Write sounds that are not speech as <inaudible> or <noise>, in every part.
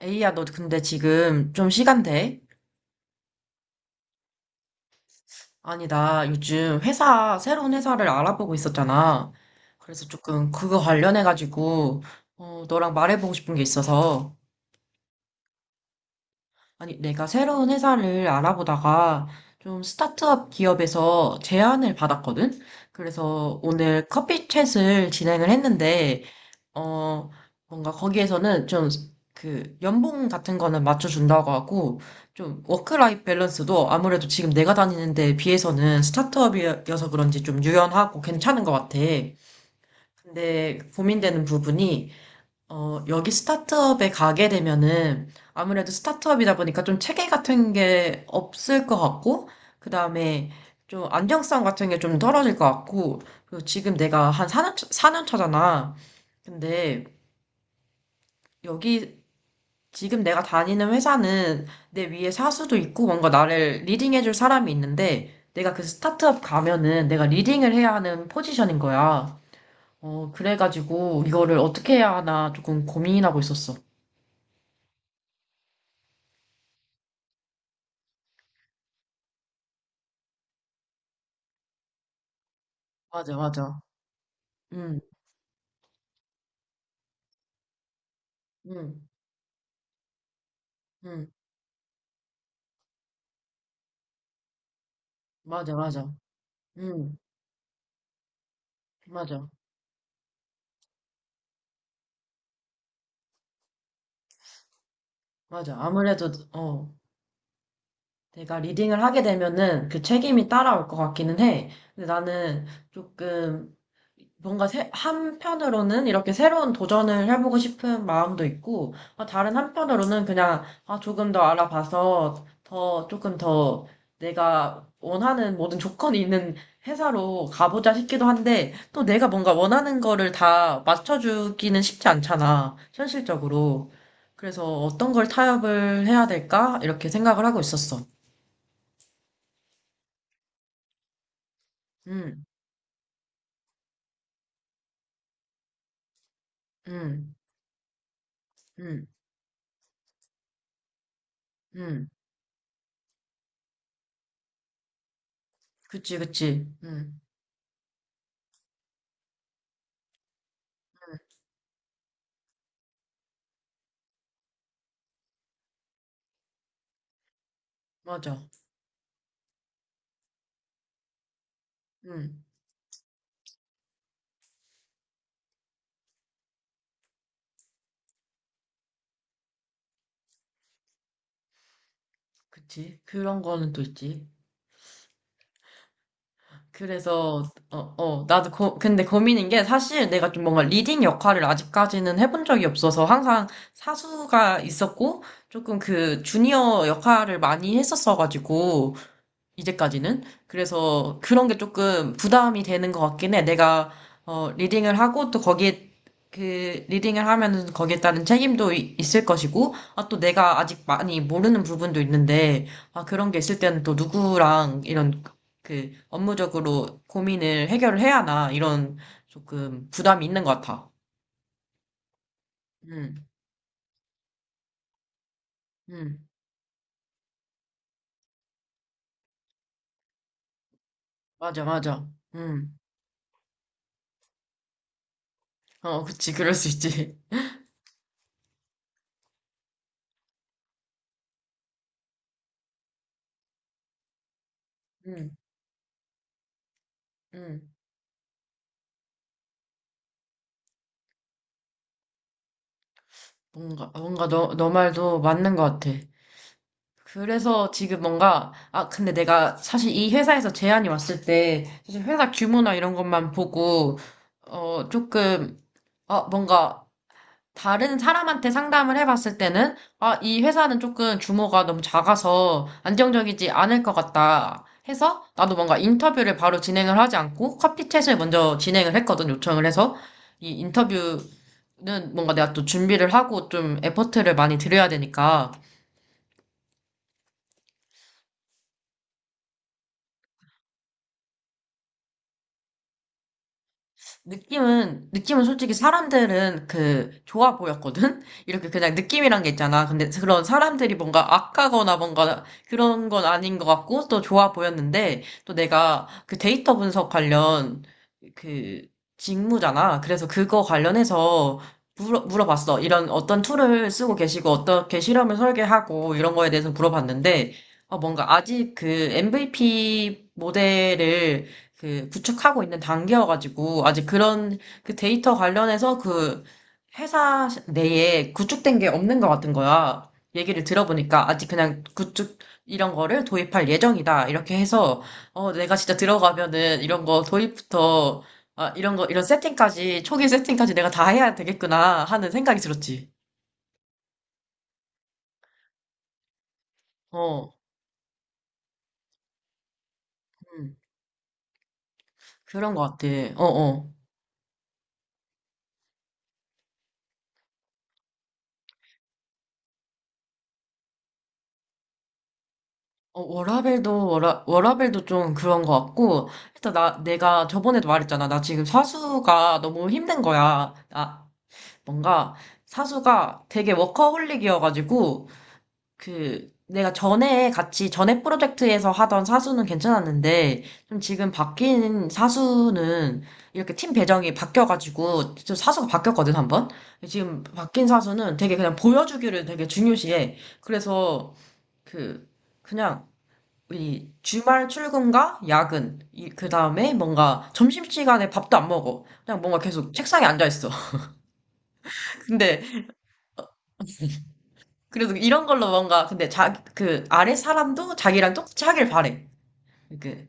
에이야, 너 근데 지금 좀 시간 돼? 아니, 나 요즘 회사, 새로운 회사를 알아보고 있었잖아. 그래서 조금 그거 관련해가지고, 너랑 말해보고 싶은 게 있어서. 아니, 내가 새로운 회사를 알아보다가 좀 스타트업 기업에서 제안을 받았거든? 그래서 오늘 커피 챗을 진행을 했는데, 어, 뭔가 거기에서는 좀 그 연봉 같은 거는 맞춰준다고 하고 좀 워크라이프 밸런스도 아무래도 지금 내가 다니는 데에 비해서는 스타트업이어서 그런지 좀 유연하고 괜찮은 것 같아. 근데 고민되는 부분이 여기 스타트업에 가게 되면은 아무래도 스타트업이다 보니까 좀 체계 같은 게 없을 것 같고 그다음에 좀 안정성 같은 게 좀 떨어질 것 같고 그리고 지금 내가 한 사년 4년 차잖아. 근데 여기 지금 내가 다니는 회사는 내 위에 사수도 있고 뭔가 나를 리딩해줄 사람이 있는데 내가 그 스타트업 가면은 내가 리딩을 해야 하는 포지션인 거야. 그래가지고 이거를 어떻게 해야 하나 조금 고민하고 있었어. 맞아, 맞아. 응, 응, 응, 맞아, 맞아. 응, 맞아, 맞아. 아무래도, 내가 리딩을 하게 되면은 그 책임이 따라올 것 같기는 해. 근데 나는 조금 뭔가 한편으로는 이렇게 새로운 도전을 해보고 싶은 마음도 있고, 다른 한편으로는 그냥 아, 조금 더 알아봐서 더, 조금 더 내가 원하는 모든 조건이 있는 회사로 가보자 싶기도 한데, 또 내가 뭔가 원하는 거를 다 맞춰주기는 쉽지 않잖아, 현실적으로. 그래서 어떤 걸 타협을 해야 될까? 이렇게 생각을 하고 있었어. 응. 응. 응. 응. 그치, 그치. 응. 맞아. 응. 그치. 그런 거는 또 있지. 그래서, 나도 근데 고민인 게 사실 내가 좀 뭔가 리딩 역할을 아직까지는 해본 적이 없어서 항상 사수가 있었고 조금 그 주니어 역할을 많이 했었어가지고 이제까지는. 그래서 그런 게 조금 부담이 되는 것 같긴 해. 내가, 리딩을 하고 또 거기에, 그, 리딩을 하면은 거기에 따른 책임도 있을 것이고, 아, 또 내가 아직 많이 모르는 부분도 있는데, 아, 그런 게 있을 때는 또 누구랑 이런, 그, 업무적으로 고민을 해결을 해야 하나, 이런 조금 부담이 있는 것 같아. 응, 응, 맞아, 맞아. 응, 그치, 그럴 수 있지. <laughs> 응, 응. 뭔가, 뭔가 너 말도 맞는 것 같아. 그래서 지금 뭔가, 아, 근데 내가 사실 이 회사에서 제안이 왔을 때, 사실 회사 규모나 이런 것만 보고, 조금, 아, 뭔가, 다른 사람한테 상담을 해봤을 때는, 아, 이 회사는 조금 규모가 너무 작아서 안정적이지 않을 것 같다 해서, 나도 뭔가 인터뷰를 바로 진행을 하지 않고, 커피챗을 먼저 진행을 했거든, 요청을 해서. 이 인터뷰는 뭔가 내가 또 준비를 하고 좀 에포트를 많이 들여야 되니까. 느낌은, 느낌은 솔직히 사람들은 그, 좋아 보였거든? <laughs> 이렇게 그냥 느낌이란 게 있잖아. 근데 그런 사람들이 뭔가 악하거나 뭔가 그런 건 아닌 것 같고, 또 좋아 보였는데, 또 내가 그 데이터 분석 관련 그 직무잖아. 그래서 그거 관련해서 물어봤어. 이런 어떤 툴을 쓰고 계시고, 어떻게 실험을 설계하고, 이런 거에 대해서 물어봤는데, 뭔가 아직 그 MVP 모델을 그 구축하고 있는 단계여가지고 아직 그런 그 데이터 관련해서 그 회사 내에 구축된 게 없는 것 같은 거야. 얘기를 들어보니까 아직 그냥 구축 이런 거를 도입할 예정이다. 이렇게 해서 내가 진짜 들어가면은 이런 거 도입부터 아 이런 거 이런 세팅까지 초기 세팅까지 내가 다 해야 되겠구나 하는 생각이 들었지. 어, 음, 그런 것 같아. 어, 어. 워라밸도, 워라밸도 좀 그런 것 같고, 일단 나, 내가 저번에도 말했잖아. 나 지금 사수가 너무 힘든 거야. 나, 뭔가, 사수가 되게 워커홀릭이어가지고, 그, 내가 전에 같이, 전에 프로젝트에서 하던 사수는 괜찮았는데, 좀 지금 바뀐 사수는, 이렇게 팀 배정이 바뀌어가지고, 좀 사수가 바뀌었거든, 한 번? 지금 바뀐 사수는 되게 그냥 보여주기를 되게 중요시해. 그래서, 그, 그냥, 이 주말 출근과 야근, 이, 그 다음에 뭔가 점심시간에 밥도 안 먹어. 그냥 뭔가 계속 책상에 앉아 있어. <laughs> 근데, 그래도 이런 걸로 뭔가, 근데 자, 그 아래 사람도 자기랑 똑같이 하길 바래. 이렇게,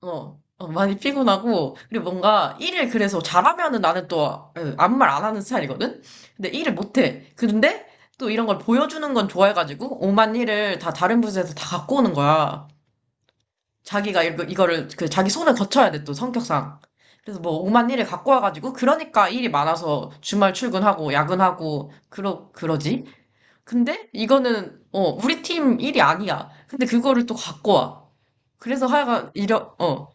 많이 피곤하고, 그리고 뭔가 일을 그래서 잘하면은 나는 또 에, 아무 말 안 하는 스타일이거든? 근데 일을 못해. 근데 또 이런 걸 보여주는 건 좋아해가지고, 오만 일을 다 다른 부서에서 다 갖고 오는 거야. 자기가 이거를 그 자기 손을 거쳐야 돼 또 성격상. 그래서 뭐 오만 일을 갖고 와가지고 그러니까 일이 많아서 주말 출근하고 야근하고 그러지. 근데 이거는 우리 팀 일이 아니야. 근데 그거를 또 갖고 와. 그래서 하여간 이런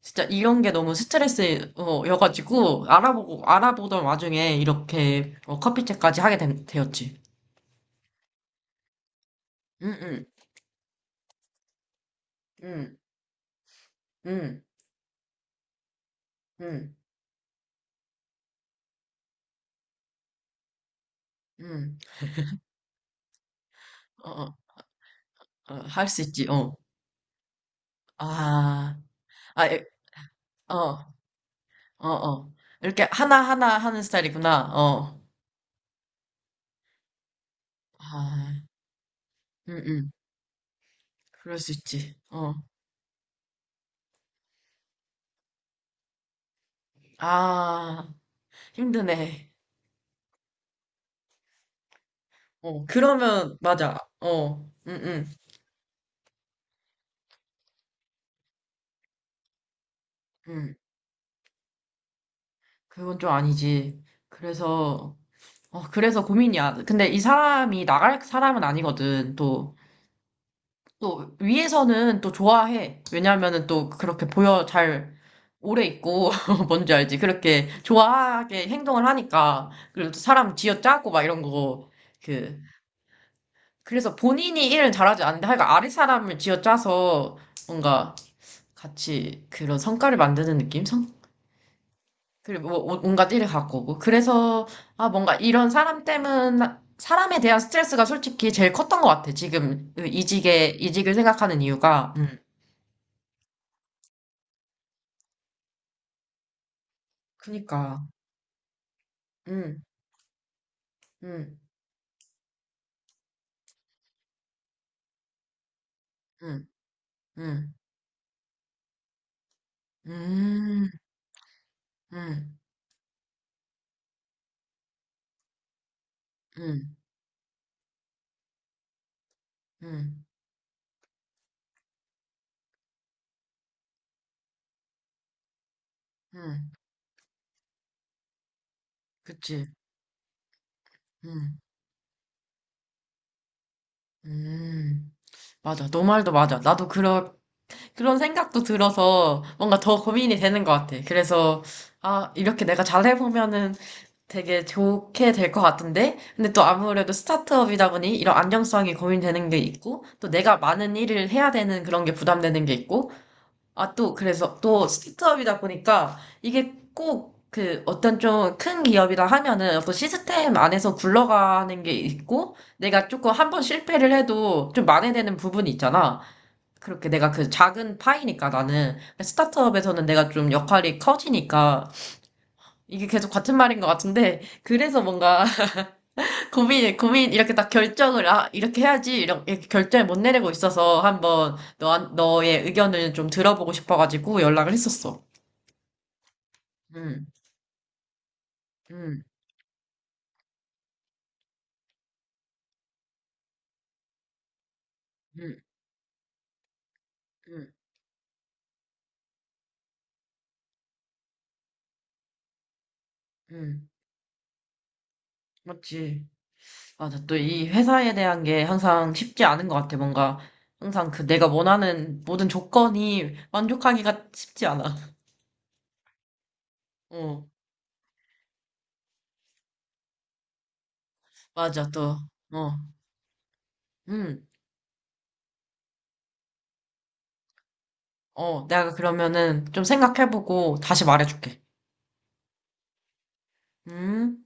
진짜 이런 게 너무 스트레스 여가지고 알아보고 알아보던 와중에 이렇게 커피챗까지 하게 되었지. 응응. 응응응응. 어, 어, 어, 할 수 있지. 어. 아. 아, 에, 어, 어, 어. 이렇게 하나하나 하는 스타일이구나. 어. 아, 음, 음. 그럴 수 있지. 어. 아, 힘드네. 어, 그러면, 맞아. 어, 응, 응, 응, 그건 좀 아니지. 그래서, 그래서 고민이야. 근데 이 사람이 나갈 사람은 아니거든, 또. 또 위에서는 또 좋아해. 왜냐하면은 또 그렇게 보여 잘 오래 있고 <laughs> 뭔지 알지? 그렇게 좋아하게 행동을 하니까 그리고 또 사람 쥐어짜고 막 이런 거 그 그래서 본인이 일을 잘하지 않는데 하여간 아래 사람을 쥐어짜서 뭔가 같이 그런 성과를 만드는 느낌? 성 그리고 뭔가 일을 갖고 오고 그래서 아 뭔가 이런 사람 때문 사람에 대한 스트레스가 솔직히 제일 컸던 것 같아. 지금 그 이직에 이직을 생각하는 이유가 그니까. 음, 음, 음, 음, 음, 음, 음, 음, 음, 그치, 음, 음, 맞아. 너 말도 맞아. 나도 그런, 그런 생각도 들어서 뭔가 더 고민이 되는 것 같아. 그래서, 아, 이렇게 내가 잘해보면은 되게 좋게 될 것 같은데? 근데 또 아무래도 스타트업이다 보니 이런 안정성이 고민되는 게 있고, 또 내가 많은 일을 해야 되는 그런 게 부담되는 게 있고, 아, 또, 그래서, 또, 스타트업이다 보니까, 이게 꼭, 그, 어떤 좀 큰 기업이라 하면은, 어떤 시스템 안에서 굴러가는 게 있고, 내가 조금 한번 실패를 해도 좀 만회되는 부분이 있잖아. 그렇게 내가 그 작은 파이니까 나는. 스타트업에서는 내가 좀 역할이 커지니까, 이게 계속 같은 말인 것 같은데, 그래서 뭔가, <laughs> 고민, 이렇게 딱 결정을, 아, 이렇게 해야지, 이렇게 결정을 못 내리고 있어서, 한번, 너의 의견을 좀 들어보고 싶어가지고 연락을 했었어. 응, 응, 응, 응, 응. 맞지. 맞아. 또 이 회사에 대한 게 항상 쉽지 않은 것 같아. 뭔가 항상 그 내가 원하는 모든 조건이 만족하기가 쉽지 않아. 어, 맞아. 또, 어, 응, 어. 내가 그러면은 좀 생각해보고 다시 말해줄게. 음.